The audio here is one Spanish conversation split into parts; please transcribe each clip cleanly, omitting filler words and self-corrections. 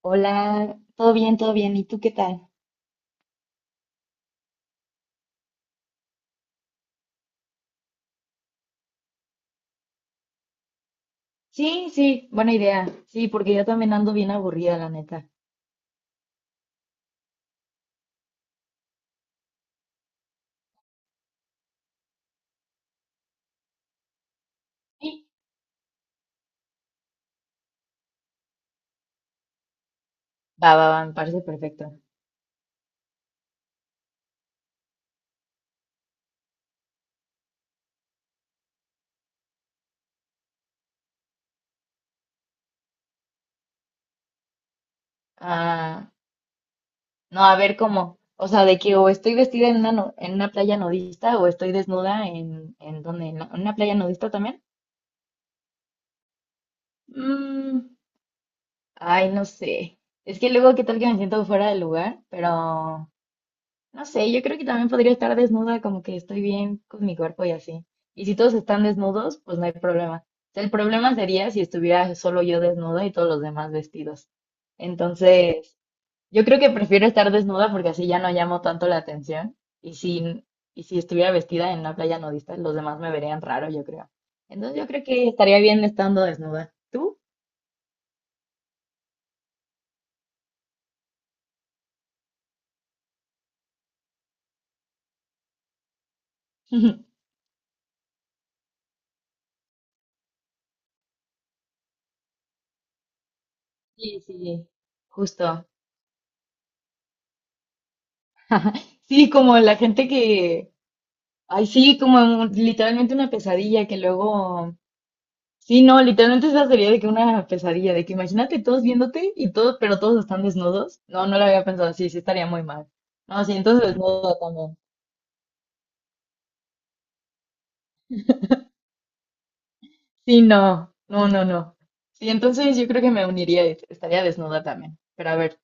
Hola, todo bien, todo bien. ¿Y tú qué tal? Sí, sí, buena idea. Sí, porque yo también ando bien aburrida, la neta. Sí. Va, va, va, me parece perfecto. Ah, no, a ver cómo. O sea, de que o estoy vestida en una, en una playa nudista o estoy desnuda en donde, en una playa nudista también. Mm, ay, no sé. Es que luego, ¿qué tal que me siento fuera del lugar? Pero no sé, yo creo que también podría estar desnuda, como que estoy bien con mi cuerpo y así. Y si todos están desnudos, pues no hay problema. O sea, el problema sería si estuviera solo yo desnuda y todos los demás vestidos. Entonces, yo creo que prefiero estar desnuda porque así ya no llamo tanto la atención. Y si, y si estuviera vestida en una playa nudista, los demás me verían raro, yo creo. Entonces, yo creo que estaría bien estando desnuda. ¿Tú? Sí, sí, justo. Sí, como la gente que, ay, sí, como literalmente una pesadilla que luego. Sí, no, literalmente esa sería de que una pesadilla, de que imagínate todos viéndote y todos, pero todos están desnudos. No, no lo había pensado, sí, sí estaría muy mal. No, sí, entonces desnuda también. Sí, no, no, no, no. Sí, entonces yo creo que me uniría, y estaría desnuda también. Pero a ver,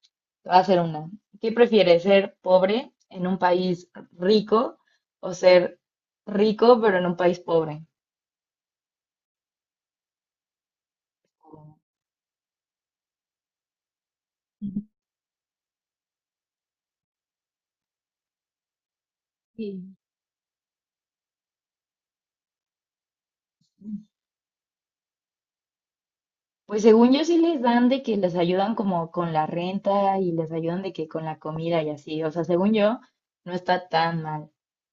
te voy a hacer una. ¿Qué prefieres, ser pobre en un país rico o ser rico pero en un país pobre? Sí. Pues según yo sí les dan de que les ayudan como con la renta y les ayudan de que con la comida y así. O sea, según yo, no está tan mal.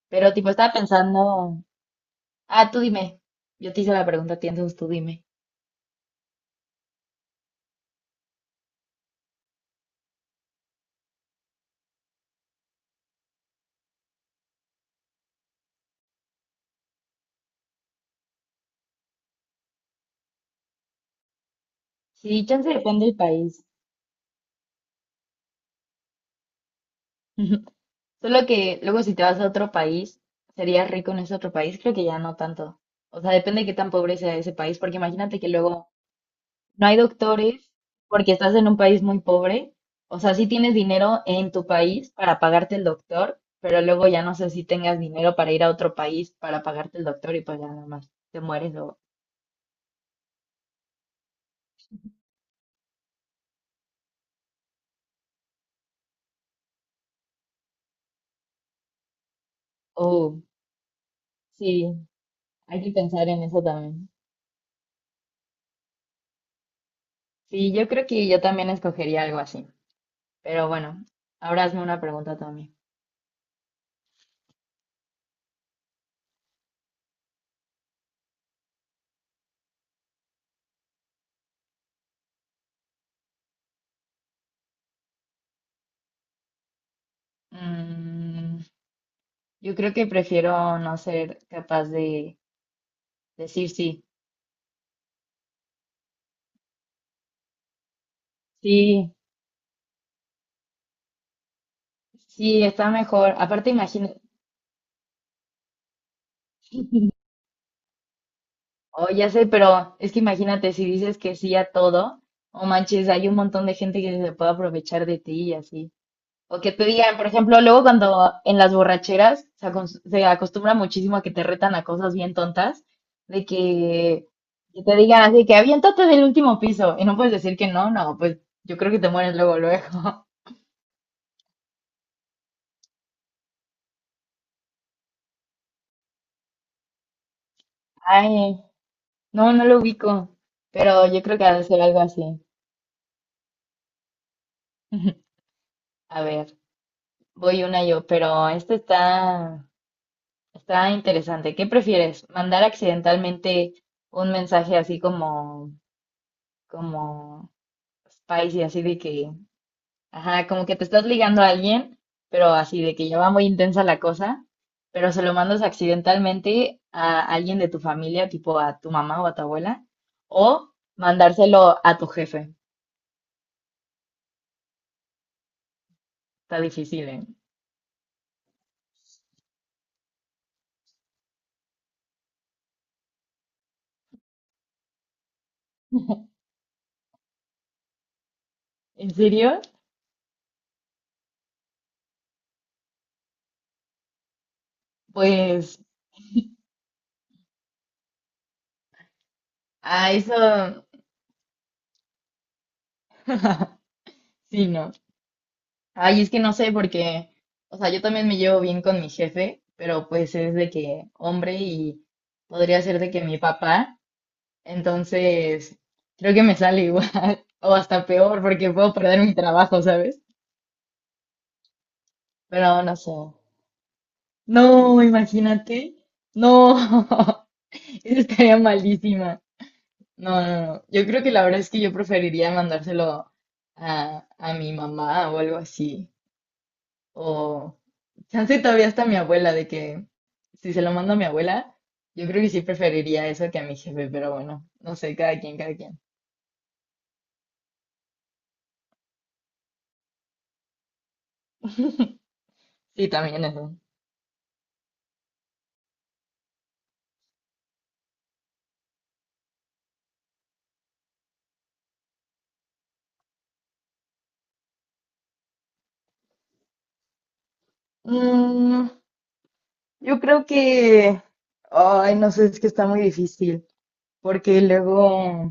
Pero tipo, estaba pensando, ah, tú dime. Yo te hice la pregunta a ti, entonces tú dime. Sí, chance depende del país. Solo que luego si te vas a otro país, serías rico en ese otro país, creo que ya no tanto. O sea, depende de qué tan pobre sea ese país, porque imagínate que luego no hay doctores porque estás en un país muy pobre. O sea, sí tienes dinero en tu país para pagarte el doctor, pero luego ya no sé si tengas dinero para ir a otro país para pagarte el doctor y pues ya nada más te mueres o... o- sí, hay que pensar en eso también. Sí, yo creo que yo también escogería algo así. Pero bueno, ahora hazme una pregunta también. Mm, yo creo que prefiero no ser capaz de decir sí. Sí, sí, está mejor. Aparte, imagino, oh, ya sé, pero es que imagínate si dices que sí a todo, o manches, hay un montón de gente que se puede aprovechar de ti y así. O que te digan, por ejemplo, luego cuando en las borracheras se, se acostumbra muchísimo a que te retan a cosas bien tontas, de que te digan así, que aviéntate del último piso y no puedes decir que no, no, pues yo creo que te mueres luego, luego. Ay, no, no lo ubico, pero yo creo que ha de ser algo así. A ver, voy una yo, pero esta está... Está interesante. ¿Qué prefieres? ¿Mandar accidentalmente un mensaje así como, como spicy, así de que, ajá, como que te estás ligando a alguien, pero así de que ya va muy intensa la cosa, pero se lo mandas accidentalmente a alguien de tu familia, tipo a tu mamá o a tu abuela, o mandárselo a tu jefe? Está difícil, ¿eh? ¿En serio? Pues a eso, sí, no. Ay, es que no sé porque, o sea, yo también me llevo bien con mi jefe, pero pues es de que hombre y podría ser de que mi papá, entonces creo que me sale igual o hasta peor porque puedo perder mi trabajo, ¿sabes? Pero no sé. No, imagínate. No, eso estaría malísima. No, no, no. Yo creo que la verdad es que yo preferiría mandárselo a mi mamá o algo así. O, chance todavía está mi abuela, de que si se lo mando a mi abuela, yo creo que sí preferiría eso que a mi jefe, pero bueno, no sé, cada quien, cada quien. Sí, también eso. Mm, yo creo que, ay, no sé, es que está muy difícil, porque luego,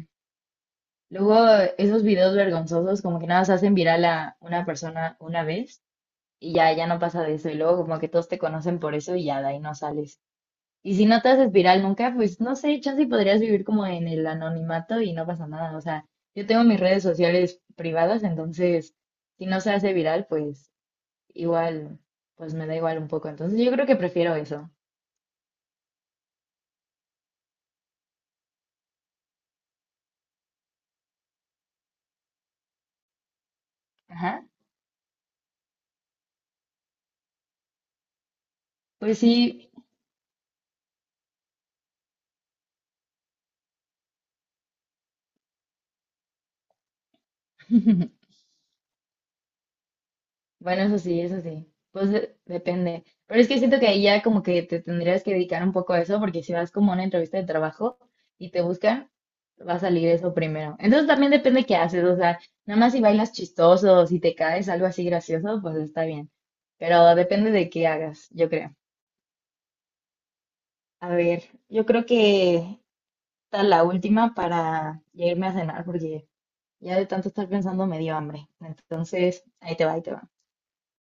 luego esos videos vergonzosos como que nada más hacen viral a una persona una vez y ya, ya no pasa de eso, y luego como que todos te conocen por eso y ya de ahí no sales. Y si no te haces viral nunca, pues no sé, chance y podrías vivir como en el anonimato y no pasa nada. O sea, yo tengo mis redes sociales privadas, entonces si no se hace viral, pues igual, pues me da igual un poco. Entonces yo creo que prefiero eso. Ajá. Pues sí. Bueno, eso sí, eso sí. Pues depende. Pero es que siento que ahí ya como que te tendrías que dedicar un poco a eso, porque si vas como a una entrevista de trabajo y te buscan, va a salir eso primero. Entonces también depende qué haces, o sea, nada más si bailas chistoso, o si te caes algo así gracioso, pues está bien. Pero depende de qué hagas, yo creo. A ver, yo creo que está la última para ya irme a cenar, porque ya de tanto estar pensando me dio hambre. Entonces, ahí te va, ahí te va.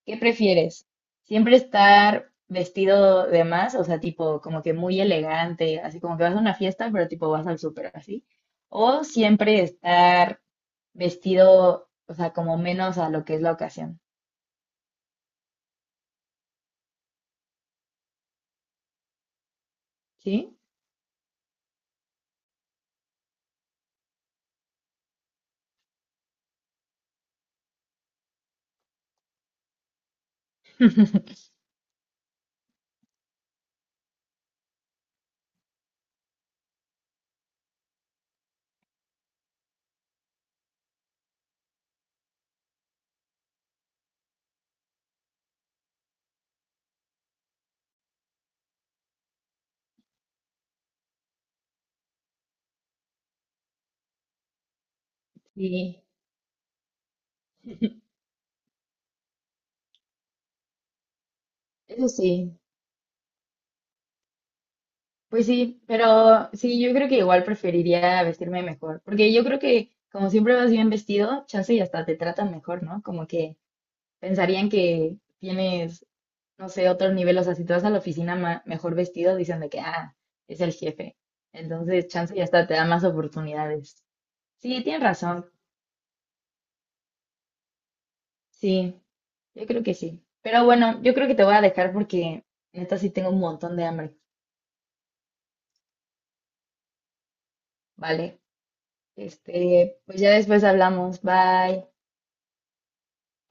¿Qué prefieres? ¿Siempre estar vestido de más? O sea, tipo, como que muy elegante, así como que vas a una fiesta, pero tipo vas al súper, así. ¿O siempre estar vestido, o sea, como menos a lo que es la ocasión? ¿Sí? Sí, eso sí. Pues sí, pero sí, yo creo que igual preferiría vestirme mejor, porque yo creo que como siempre vas bien vestido, chance y hasta te tratan mejor, ¿no? Como que pensarían que tienes no sé, otro nivel. O sea, si te vas a la oficina mejor vestido, dicen de que, ah, es el jefe. Entonces, chance ya hasta te da más oportunidades. Sí, tienes razón. Sí, yo creo que sí. Pero bueno, yo creo que te voy a dejar porque neta sí tengo un montón de hambre, ¿vale? Este, pues ya después hablamos. Bye.